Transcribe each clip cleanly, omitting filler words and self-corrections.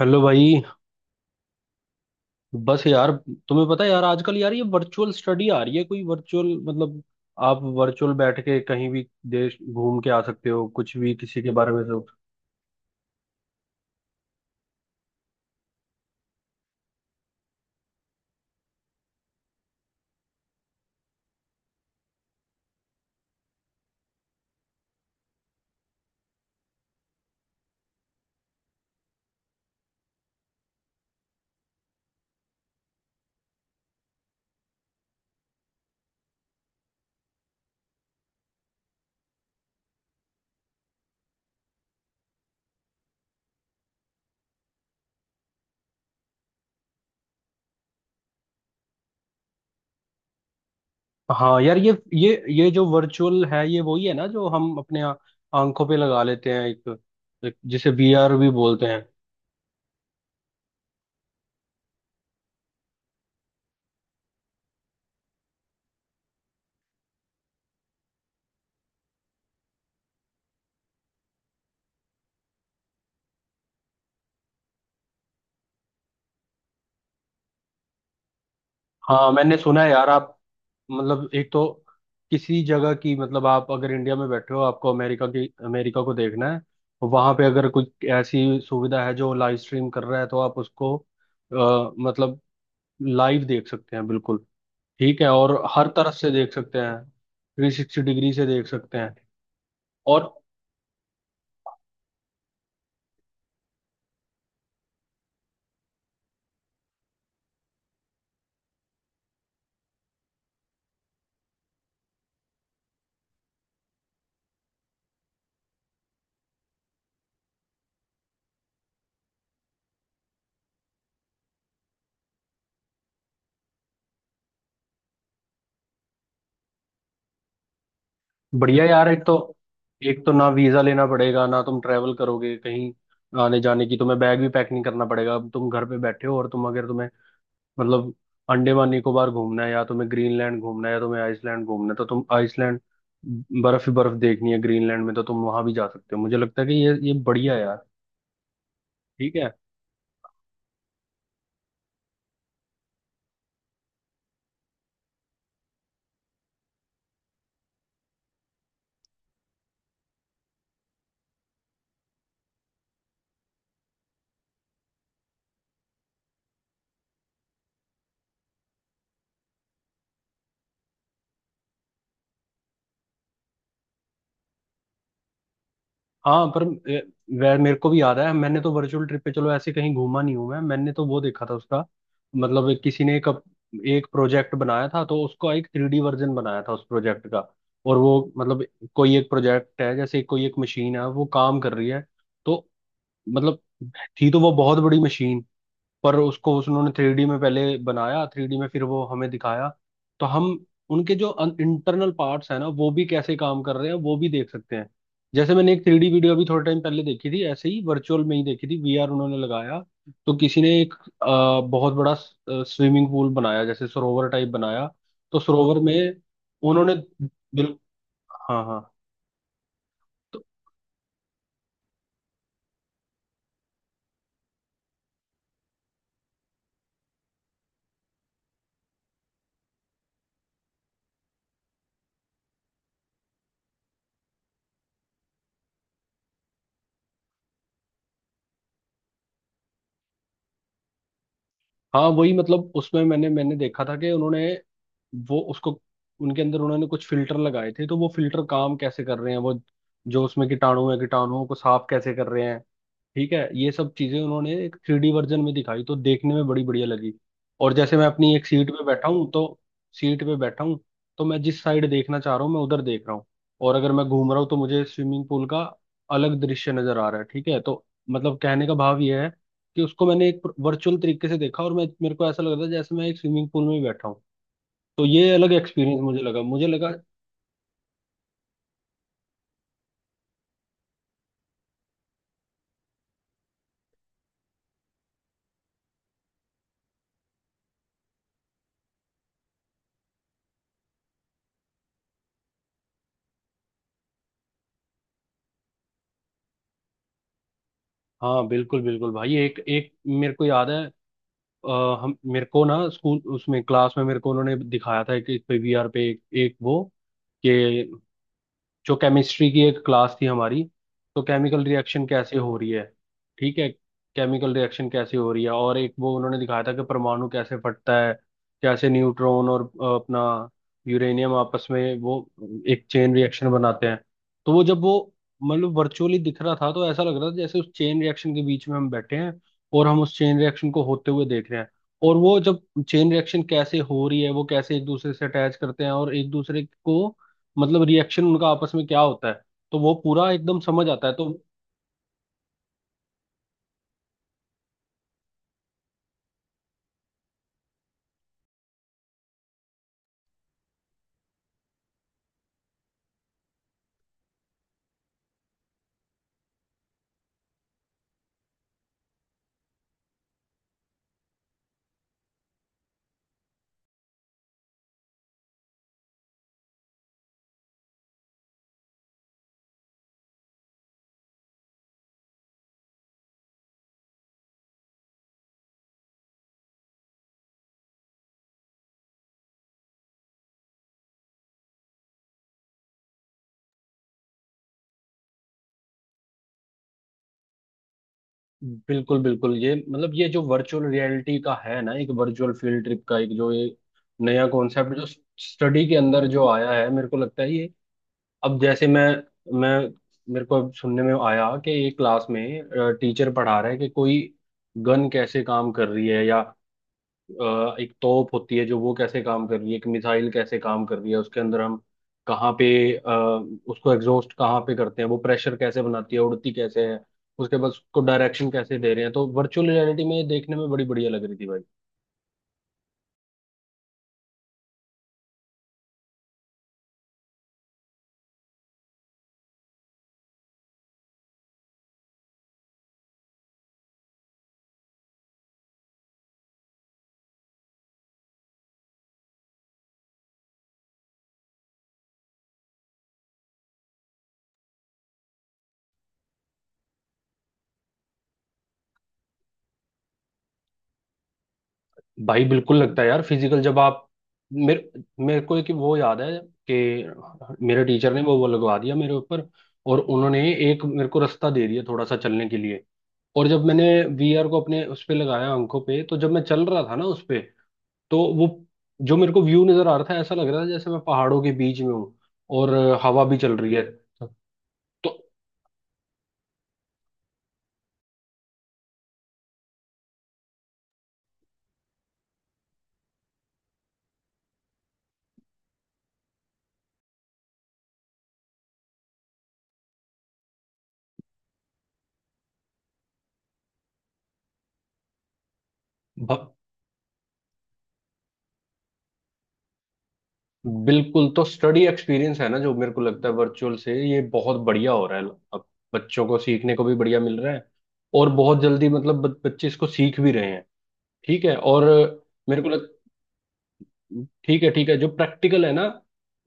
Hello भाई। बस यार। तुम्हें पता है यार आजकल यार ये वर्चुअल स्टडी आ रही है कोई वर्चुअल मतलब आप वर्चुअल बैठ के कहीं भी देश घूम के आ सकते हो कुछ भी किसी के बारे में सोच। हाँ यार ये जो वर्चुअल है ये वही है ना जो हम अपने आंखों पे लगा लेते हैं एक, एक जिसे वीआर भी बोलते हैं। हाँ मैंने सुना है यार आप मतलब एक तो किसी जगह की मतलब आप अगर इंडिया में बैठे हो आपको अमेरिका की अमेरिका को देखना है। वहां पे अगर कुछ ऐसी सुविधा है जो लाइव स्ट्रीम कर रहा है तो आप उसको मतलब लाइव देख सकते हैं बिल्कुल। ठीक है और हर तरफ से देख सकते हैं। 360 डिग्री से देख सकते हैं। और बढ़िया यार एक तो ना वीजा लेना पड़ेगा ना तुम ट्रैवल करोगे कहीं आने जाने की। तुम्हें बैग भी पैक नहीं करना पड़ेगा। तुम घर पे बैठे हो और तुम अगर तुम्हें मतलब अंडमान निकोबार घूमना है या तुम्हें ग्रीनलैंड घूमना है या तुम्हें आइसलैंड घूमना है तो तुम आइसलैंड बर्फ ही बर्फ देखनी है ग्रीनलैंड में तो तुम वहां भी जा सकते हो। मुझे लगता है कि ये बढ़िया है यार। ठीक है। हाँ पर ए, वह मेरे को भी याद है। मैंने तो वर्चुअल ट्रिप पे चलो ऐसे कहीं घूमा नहीं हूं मैं। मैंने तो वो देखा था उसका मतलब किसी ने एक एक प्रोजेक्ट बनाया था तो उसका एक 3D वर्जन बनाया था उस प्रोजेक्ट का। और वो मतलब कोई एक प्रोजेक्ट है जैसे कोई एक मशीन है वो काम कर रही है तो मतलब थी तो वो बहुत बड़ी मशीन पर उसको उस उन्होंने 3D में पहले बनाया 3D में फिर वो हमें दिखाया। तो हम उनके जो इंटरनल पार्ट्स हैं ना वो भी कैसे काम कर रहे हैं वो भी देख सकते हैं। जैसे मैंने एक थ्री डी वीडियो अभी थोड़े टाइम पहले देखी थी ऐसे ही वर्चुअल में ही देखी थी वीआर उन्होंने लगाया। तो किसी ने एक बहुत बड़ा स्विमिंग पूल बनाया जैसे सरोवर टाइप बनाया। तो सरोवर में उन्होंने बिल, हाँ हाँ। तो हाँ वही मतलब उसमें मैंने मैंने देखा था कि उन्होंने वो उसको उनके अंदर उन्होंने कुछ फिल्टर लगाए थे तो वो फिल्टर काम कैसे कर रहे हैं। वो जो उसमें कीटाणु है कीटाणुओं को साफ कैसे कर रहे हैं। ठीक है ये सब चीजें उन्होंने एक 3D वर्जन में दिखाई तो देखने में बड़ी बढ़िया लगी। और जैसे मैं अपनी एक सीट पे बैठा हूँ तो सीट पे बैठा हूँ तो मैं जिस साइड देखना चाह रहा हूँ मैं उधर देख रहा हूँ। और अगर मैं घूम रहा हूँ तो मुझे स्विमिंग पूल का अलग दृश्य नजर आ रहा है। ठीक है तो मतलब कहने का भाव यह है कि उसको मैंने एक वर्चुअल तरीके से देखा और मैं मेरे को ऐसा लग रहा था जैसे मैं एक स्विमिंग पूल में ही बैठा हूँ। तो ये अलग एक्सपीरियंस मुझे लगा मुझे लगा। हाँ बिल्कुल बिल्कुल भाई एक एक मेरे को याद है। अ, हम मेरे को ना स्कूल उसमें क्लास में मेरे को उन्होंने दिखाया था कि इस पे वीआर पे एक, एक वो कि जो केमिस्ट्री की एक क्लास थी हमारी तो केमिकल रिएक्शन कैसे हो रही है। ठीक है केमिकल रिएक्शन कैसे हो रही है और एक वो उन्होंने दिखाया था कि परमाणु कैसे फटता है कैसे न्यूट्रॉन और अपना यूरेनियम आपस में वो एक चेन रिएक्शन बनाते हैं। तो वो जब वो मतलब वर्चुअली दिख रहा था तो ऐसा लग रहा था जैसे उस चेन रिएक्शन के बीच में हम बैठे हैं और हम उस चेन रिएक्शन को होते हुए देख रहे हैं। और वो जब चेन रिएक्शन कैसे हो रही है वो कैसे एक दूसरे से अटैच करते हैं और एक दूसरे को मतलब रिएक्शन उनका आपस में क्या होता है तो वो पूरा एकदम समझ आता है तो बिल्कुल बिल्कुल ये मतलब ये जो वर्चुअल रियलिटी का है ना एक वर्चुअल फील्ड ट्रिप का एक जो ये नया कॉन्सेप्ट जो स्टडी के अंदर जो आया है मेरे को लगता है ये अब जैसे मैं मेरे को अब सुनने में आया कि एक क्लास में टीचर पढ़ा रहा है कि कोई गन कैसे काम कर रही है या एक तोप होती है जो वो कैसे काम कर रही है एक मिसाइल कैसे काम कर रही है उसके अंदर हम कहाँ पे अ, उसको एग्जॉस्ट कहाँ पे करते हैं वो प्रेशर कैसे बनाती है उड़ती कैसे है उसके बाद उसको डायरेक्शन कैसे दे रहे हैं तो वर्चुअल रियलिटी में ये देखने में बड़ी बढ़िया लग रही थी भाई। भाई बिल्कुल लगता है यार फिजिकल जब आप मेरे मेरे को एक वो याद है कि मेरे टीचर ने वो लगवा दिया मेरे ऊपर और उन्होंने एक मेरे को रास्ता दे दिया थोड़ा सा चलने के लिए। और जब मैंने वीआर को अपने उस पे लगाया आंखों पे तो जब मैं चल रहा था ना उस पे तो वो जो मेरे को व्यू नजर आ रहा था ऐसा लग रहा था जैसे मैं पहाड़ों के बीच में हूँ और हवा भी चल रही है। तो भ, बिल्कुल तो स्टडी एक्सपीरियंस है ना जो मेरे को लगता है वर्चुअल से ये बहुत बढ़िया हो रहा है। अब बच्चों को सीखने को भी बढ़िया मिल रहा है और बहुत जल्दी मतलब बच्चे इसको सीख भी रहे हैं। ठीक है और मेरे को लग ठीक है जो प्रैक्टिकल है ना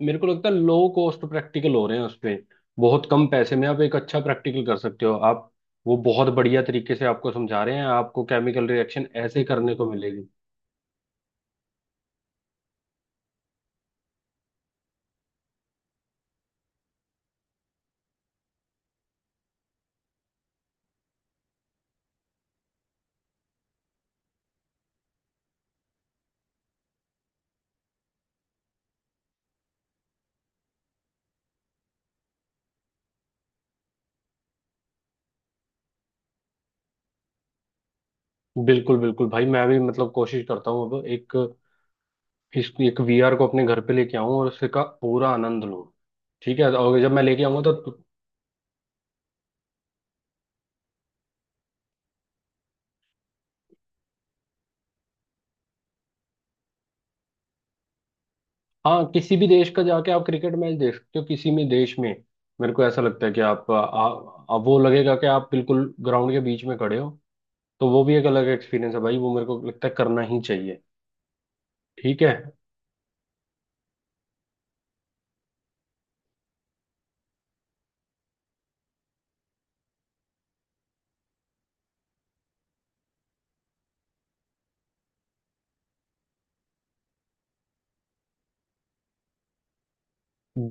मेरे को लगता है लो कॉस्ट प्रैक्टिकल हो रहे हैं उसपे। बहुत कम पैसे में आप एक अच्छा प्रैक्टिकल कर सकते हो आप। वो बहुत बढ़िया तरीके से आपको समझा रहे हैं आपको केमिकल रिएक्शन ऐसे ही करने को मिलेगी। बिल्कुल बिल्कुल भाई मैं भी मतलब कोशिश करता हूँ अब एक इस एक वीआर को अपने घर पे लेके आऊं और उसका पूरा आनंद लूं। ठीक है और जब मैं लेके आऊंगा तो हाँ किसी भी देश का जाके आप क्रिकेट मैच देख सकते हो किसी भी देश में। मेरे को ऐसा लगता है कि आप आ, आ, वो लगेगा कि आप बिल्कुल ग्राउंड के बीच में खड़े हो। तो वो भी एक अलग एक्सपीरियंस है भाई वो मेरे को लगता है करना ही चाहिए। ठीक है।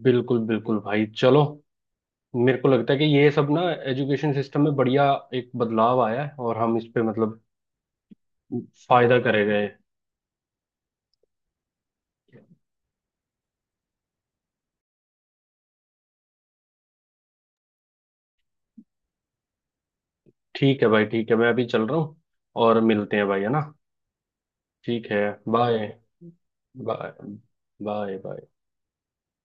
बिल्कुल बिल्कुल भाई चलो मेरे को लगता है कि ये सब ना एजुकेशन सिस्टम में बढ़िया एक बदलाव आया है और हम इस पे मतलब फायदा करे गए। ठीक है भाई ठीक है मैं अभी चल रहा हूँ। और मिलते हैं भाई है ना। ठीक है। बाय। Bye bye bye.